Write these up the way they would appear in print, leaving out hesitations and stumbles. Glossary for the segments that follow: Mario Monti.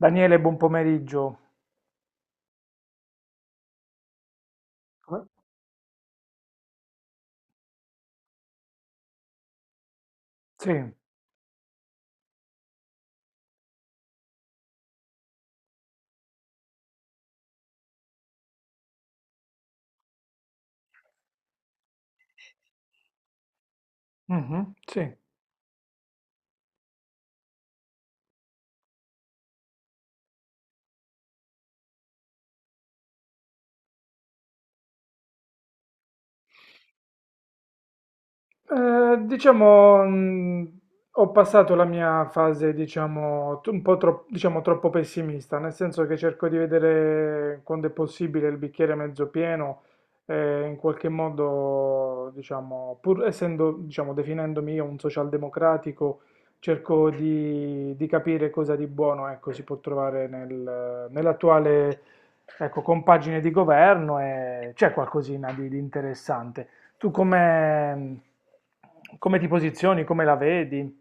Daniele, buon pomeriggio. Come? Sì, mhm, sì. Diciamo, ho passato la mia fase, diciamo, diciamo, troppo pessimista, nel senso che cerco di vedere quando è possibile il bicchiere mezzo pieno, in qualche modo, diciamo, pur essendo, diciamo, definendomi io un socialdemocratico, cerco di capire cosa di buono, ecco, si può trovare nell'attuale, ecco, compagine di governo e c'è qualcosina di interessante. Tu come, come ti posizioni, come la vedi?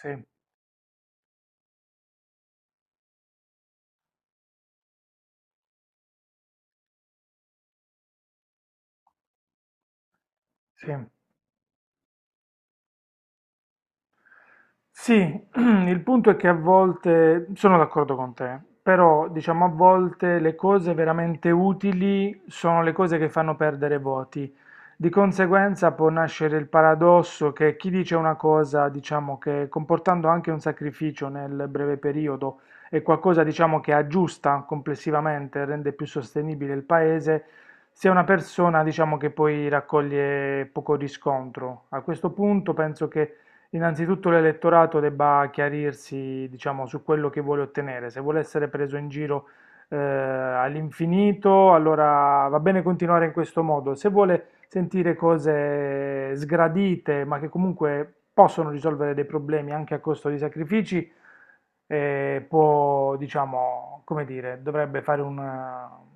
Sì, sì. Sì, il punto è che a volte, sono d'accordo con te, però diciamo a volte le cose veramente utili sono le cose che fanno perdere voti. Di conseguenza può nascere il paradosso che chi dice una cosa, diciamo, che comportando anche un sacrificio nel breve periodo è qualcosa, diciamo, che aggiusta complessivamente, rende più sostenibile il paese, sia una persona, diciamo, che poi raccoglie poco riscontro. A questo punto penso che innanzitutto l'elettorato debba chiarirsi, diciamo, su quello che vuole ottenere. Se vuole essere preso in giro all'infinito, allora va bene continuare in questo modo. Se vuole sentire cose sgradite, ma che comunque possono risolvere dei problemi anche a costo di sacrifici, può, diciamo, come dire, dovrebbe fare un... eh,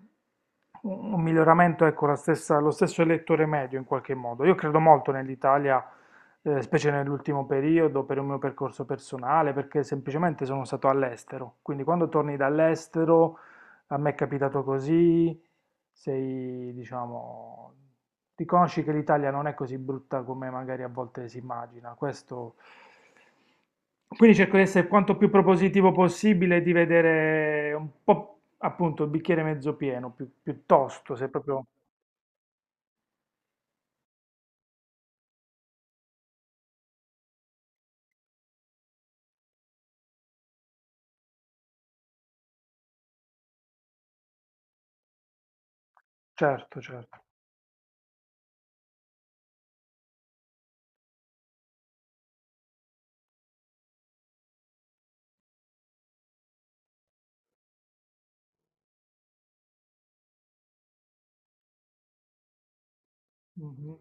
un miglioramento, ecco, lo stesso elettore medio in qualche modo. Io credo molto nell'Italia, specie nell'ultimo periodo, per il mio percorso personale, perché semplicemente sono stato all'estero. Quindi quando torni dall'estero, a me è capitato così, sei, diciamo, riconosci che l'Italia non è così brutta come magari a volte si immagina. Questo... Quindi cerco di essere quanto più propositivo possibile, e di vedere un po' appunto il bicchiere mezzo pieno, piuttosto, se proprio... Certo, certo. Mhm.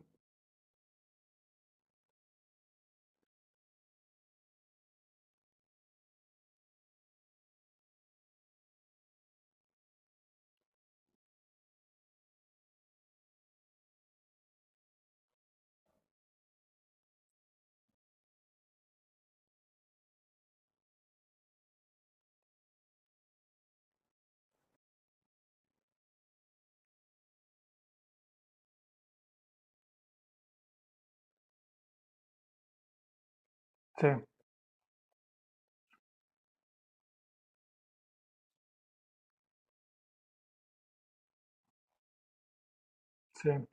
Sì, sì.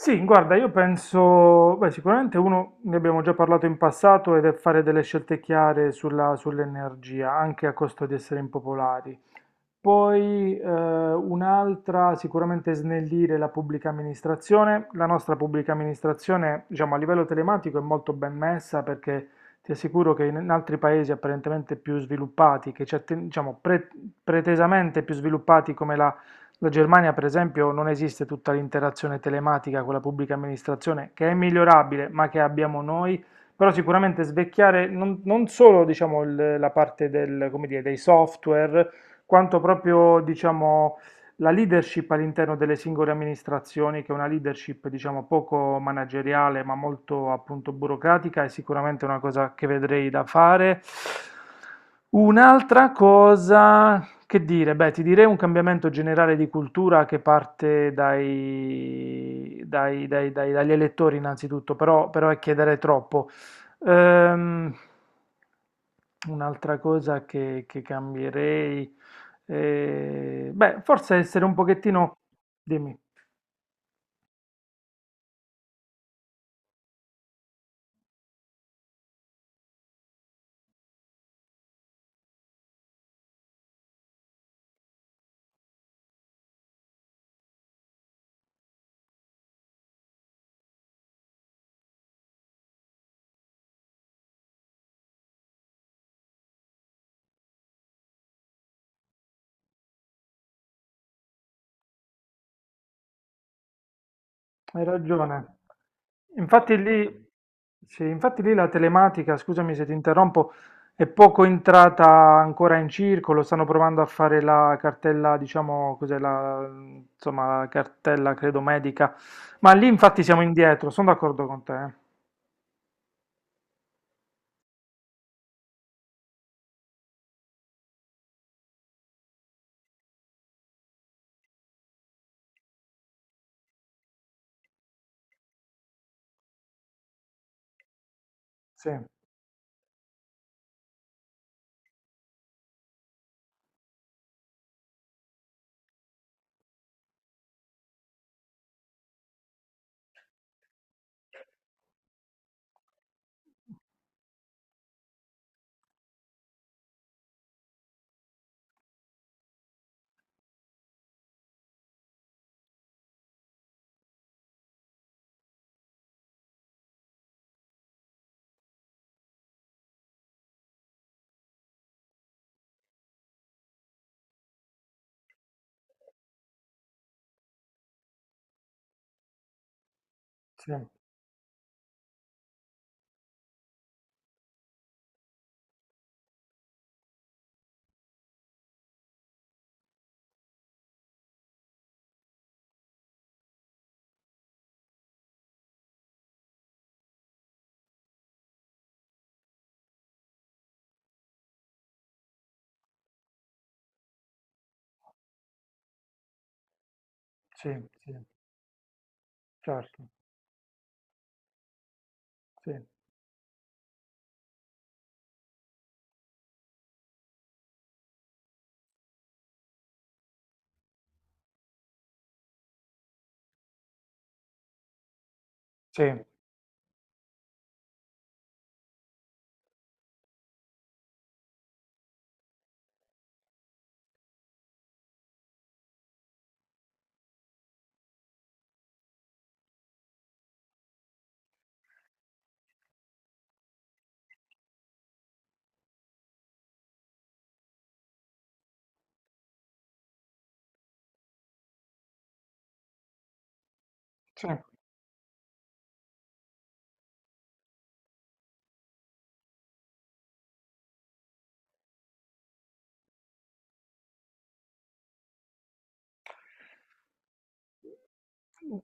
Sì, guarda, io penso, beh, sicuramente uno, ne abbiamo già parlato in passato, ed è fare delle scelte chiare sull'energia, anche a costo di essere impopolari. Poi un'altra, sicuramente snellire la pubblica amministrazione. La nostra pubblica amministrazione, diciamo, a livello telematico è molto ben messa perché ti assicuro che in altri paesi apparentemente più sviluppati, diciamo, pretesamente più sviluppati come la, la Germania, per esempio, non esiste tutta l'interazione telematica con la pubblica amministrazione, che è migliorabile, ma che abbiamo noi. Però sicuramente svecchiare non solo, diciamo, la parte del, come dire, dei software, quanto proprio, diciamo, la leadership all'interno delle singole amministrazioni, che è una leadership, diciamo, poco manageriale, ma molto appunto burocratica, è sicuramente una cosa che vedrei da fare. Un'altra cosa, che dire? Beh, ti direi un cambiamento generale di cultura che parte dagli elettori innanzitutto, però, però è chiedere troppo. Ehm, un'altra cosa che cambierei, beh, forse essere un pochettino, dimmi, hai ragione. Infatti lì, sì, infatti lì la telematica, scusami se ti interrompo, è poco entrata ancora in circolo, stanno provando a fare la cartella, diciamo, insomma, la cartella, credo, medica, ma lì infatti siamo indietro, sono d'accordo con te. Eh. Sì, sì, sì, sì, certo, sì, sì, sì.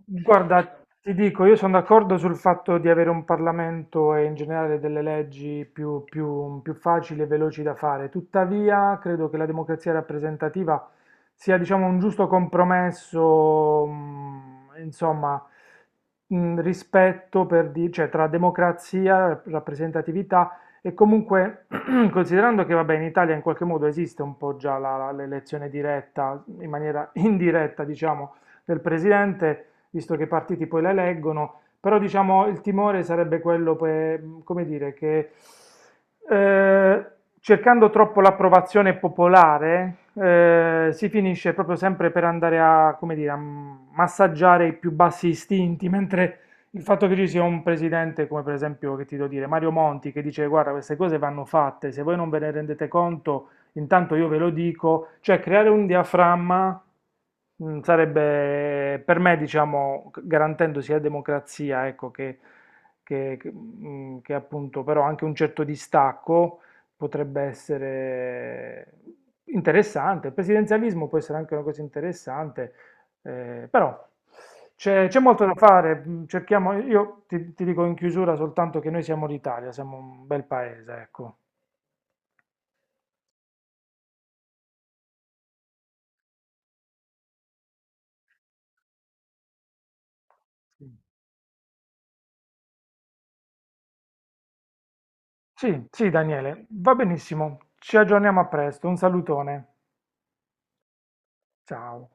Guarda, ti dico, io sono d'accordo sul fatto di avere un Parlamento e in generale delle leggi più facili e veloci da fare. Tuttavia, credo che la democrazia rappresentativa sia, diciamo, un giusto compromesso, insomma, rispetto cioè, tra democrazia, rappresentatività e comunque, considerando che, vabbè, in Italia in qualche modo esiste un po' già l'elezione diretta, in maniera indiretta, diciamo, del presidente visto che i partiti poi le eleggono, però diciamo il timore sarebbe quello, per, come dire, che eh, cercando troppo l'approvazione popolare si finisce proprio sempre per andare a, come dire, a massaggiare i più bassi istinti, mentre il fatto che ci sia un presidente come per esempio, che ti devo dire, Mario Monti, che dice guarda queste cose vanno fatte, se voi non ve ne rendete conto, intanto io ve lo dico, cioè creare un diaframma sarebbe per me, diciamo, garantendo sia democrazia, ecco, che, che appunto però anche un certo distacco potrebbe essere interessante. Il presidenzialismo può essere anche una cosa interessante, però c'è molto da fare. Cerchiamo, io ti dico in chiusura soltanto che noi siamo l'Italia, siamo un bel paese, ecco. Sì. Sì, sì, Daniele, va benissimo. Ci aggiorniamo a presto. Un salutone. Ciao.